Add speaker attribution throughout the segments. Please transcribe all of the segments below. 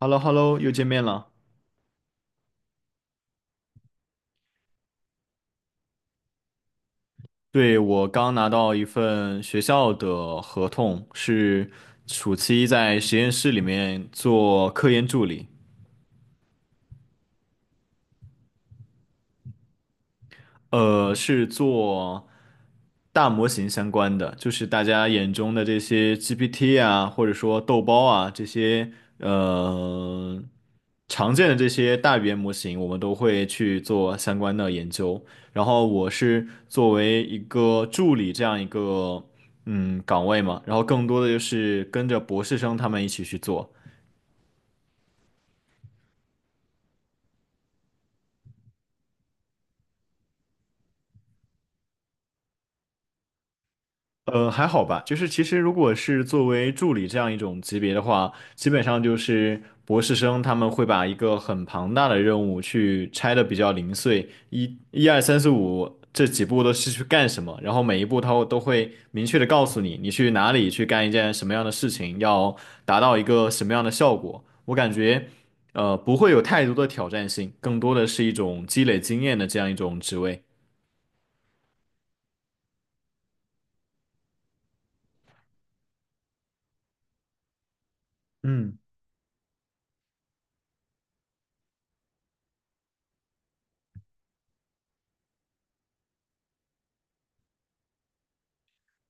Speaker 1: h e l l o h e l l o 又见面了。对，我刚拿到一份学校的合同，是暑期在实验室里面做科研助理。是做大模型相关的，就是大家眼中的这些 GPT 啊，或者说豆包啊，这些呃常见的这些大语言模型，我们都会去做相关的研究。然后我是作为一个助理这样一个岗位嘛，然后更多的就是跟着博士生他们一起去做。还好吧，就是其实如果是作为助理这样一种级别的话，基本上就是博士生他们会把一个很庞大的任务去拆的比较零碎，一二三四五这几步都是去干什么，然后每一步他都会明确的告诉你，你去哪里去干一件什么样的事情，要达到一个什么样的效果。我感觉，不会有太多的挑战性，更多的是一种积累经验的这样一种职位。嗯，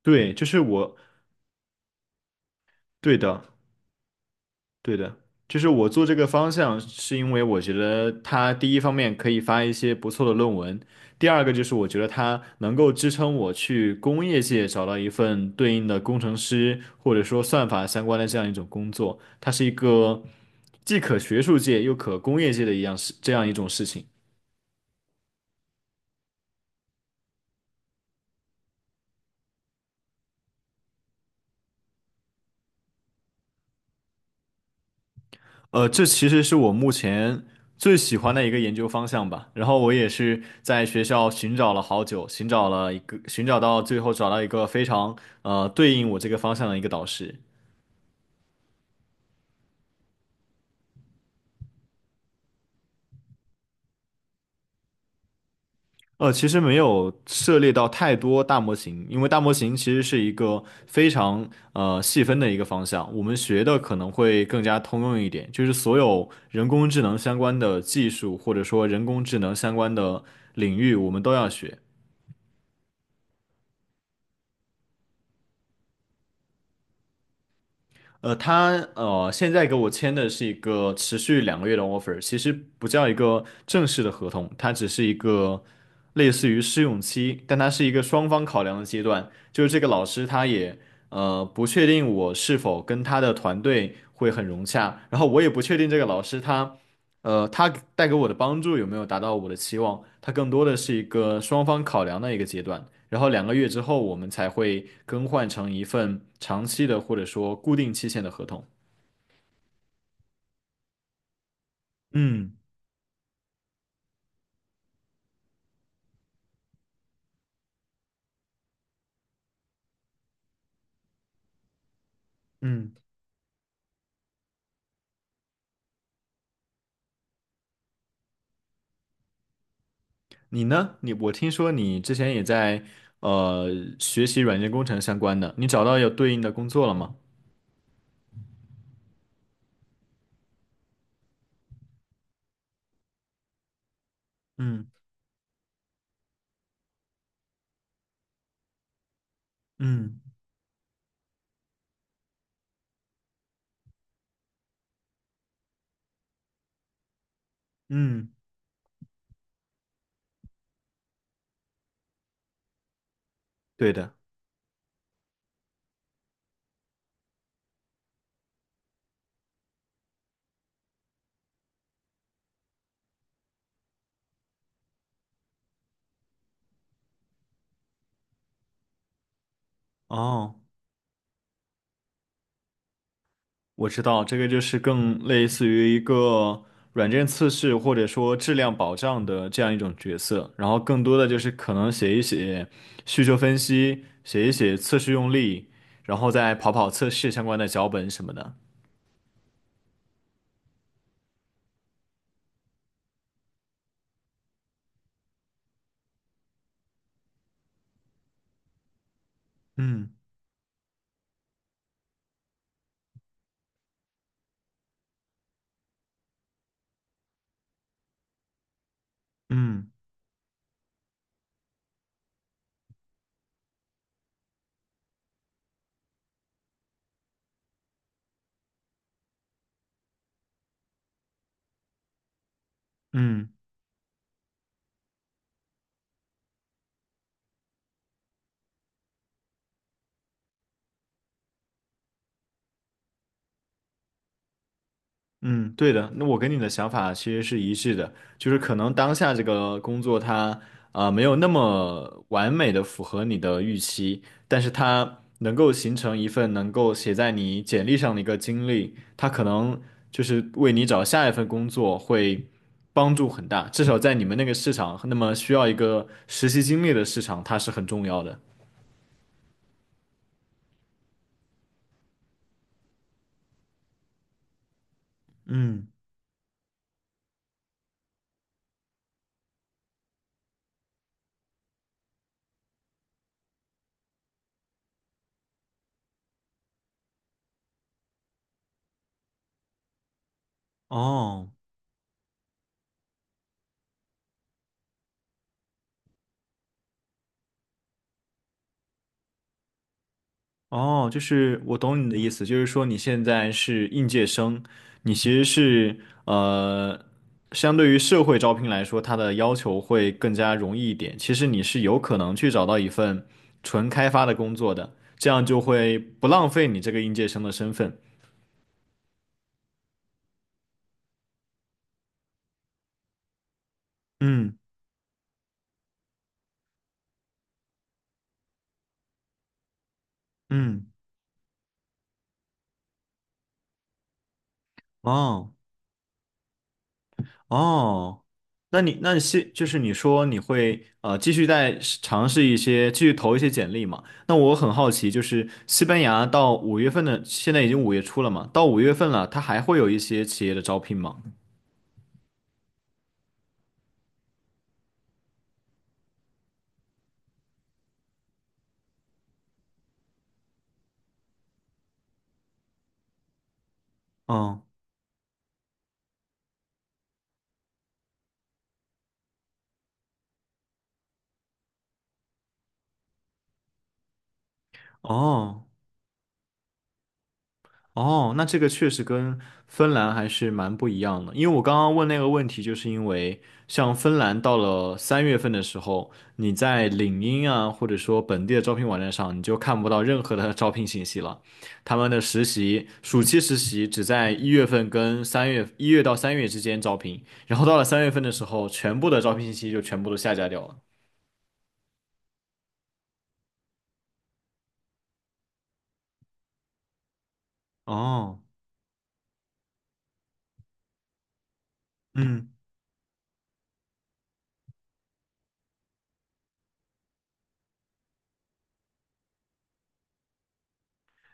Speaker 1: 对，就是我，对的。对的，就是我做这个方向，是因为我觉得它第一方面可以发一些不错的论文，第二个就是我觉得它能够支撑我去工业界找到一份对应的工程师或者说算法相关的这样一种工作，它是一个既可学术界又可工业界的一样事，这样一种事情。这其实是我目前最喜欢的一个研究方向吧。然后我也是在学校寻找了好久，寻找了一个，寻找到最后找到一个非常对应我这个方向的一个导师。其实没有涉猎到太多大模型，因为大模型其实是一个非常细分的一个方向，我们学的可能会更加通用一点，就是所有人工智能相关的技术，或者说人工智能相关的领域，我们都要学。他现在给我签的是一个持续两个月的 offer，其实不叫一个正式的合同，它只是一个类似于试用期，但它是一个双方考量的阶段。就是这个老师他也不确定我是否跟他的团队会很融洽，然后我也不确定这个老师他带给我的帮助有没有达到我的期望，他更多的是一个双方考量的一个阶段。然后两个月之后，我们才会更换成一份长期的或者说固定期限的合同。嗯嗯，你呢？我听说你之前也在呃学习软件工程相关的，你找到有对应的工作了吗？嗯嗯嗯，对的。哦。我知道这个就是更类似于一个软件测试或者说质量保障的这样一种角色，然后更多的就是可能写一写需求分析，写一写测试用例，然后再跑跑测试相关的脚本什么的。嗯嗯嗯。嗯，对的，那我跟你的想法其实是一致的，就是可能当下这个工作它没有那么完美的符合你的预期，但是它能够形成一份能够写在你简历上的一个经历，它可能就是为你找下一份工作会帮助很大，至少在你们那个市场，那么需要一个实习经历的市场，它是很重要的。嗯，哦。哦，就是我懂你的意思，就是说你现在是应届生，你其实是呃，相对于社会招聘来说，它的要求会更加容易一点。其实你是有可能去找到一份纯开发的工作的，这样就会不浪费你这个应届生的身份。嗯嗯，哦。哦，那你那现就是你说你会继续尝试一些，继续投一些简历嘛？那我很好奇，就是西班牙到五月份的，现在已经5月初了嘛，到五月份了，它还会有一些企业的招聘吗？嗯，哦。哦，那这个确实跟芬兰还是蛮不一样的，因为我刚刚问那个问题，就是因为像芬兰到了三月份的时候，你在领英啊，或者说本地的招聘网站上，你就看不到任何的 招聘信息了。他们的实习，暑期实习只在一月份跟三月，一月到三月之间招聘，然后到了三月份的时候，全部的招聘信息就全部都下架掉了。哦，嗯，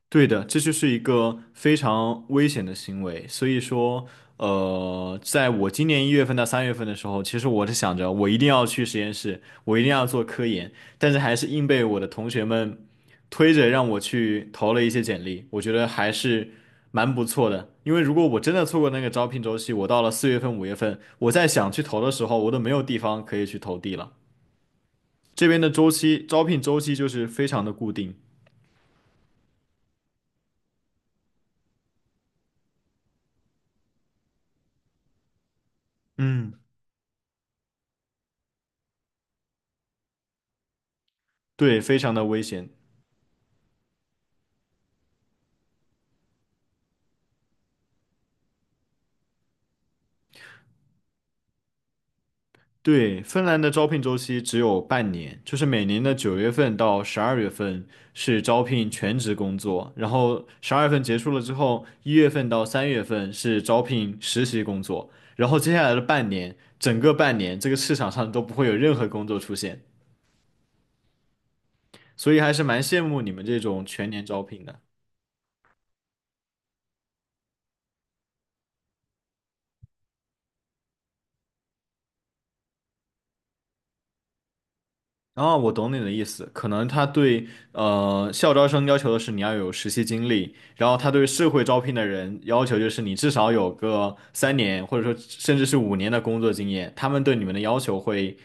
Speaker 1: 对的，这就是一个非常危险的行为。所以说，在我今年一月份到三月份的时候，其实我是想着我一定要去实验室，我一定要做科研，但是还是硬被我的同学们推着让我去投了一些简历。我觉得还是蛮不错的，因为如果我真的错过那个招聘周期，我到了4月份、五月份，我在想去投的时候，我都没有地方可以去投递了。这边的周期，招聘周期就是非常的固定。嗯，对，非常的危险。对，芬兰的招聘周期只有半年，就是每年的9月份到十二月份是招聘全职工作，然后十二月份结束了之后，一月份到三月份是招聘实习工作，然后接下来的半年，整个半年这个市场上都不会有任何工作出现，所以还是蛮羡慕你们这种全年招聘的。啊，我懂你的意思，可能他对校招生要求的是你要有实习经历，然后他对社会招聘的人要求就是你至少有个3年或者说甚至是5年的工作经验，他们对你们的要求会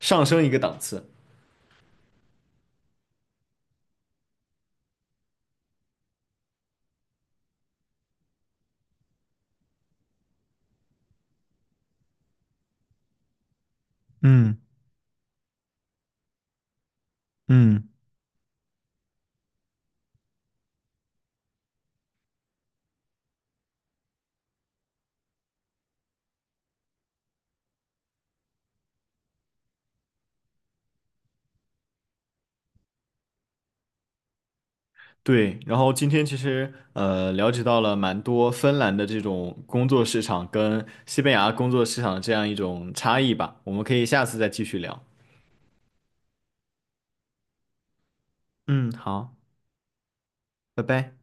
Speaker 1: 上升一个档次。嗯嗯对，然后今天其实了解到了蛮多芬兰的这种工作市场跟西班牙工作市场的这样一种差异吧，我们可以下次再继续聊。嗯，好，拜拜。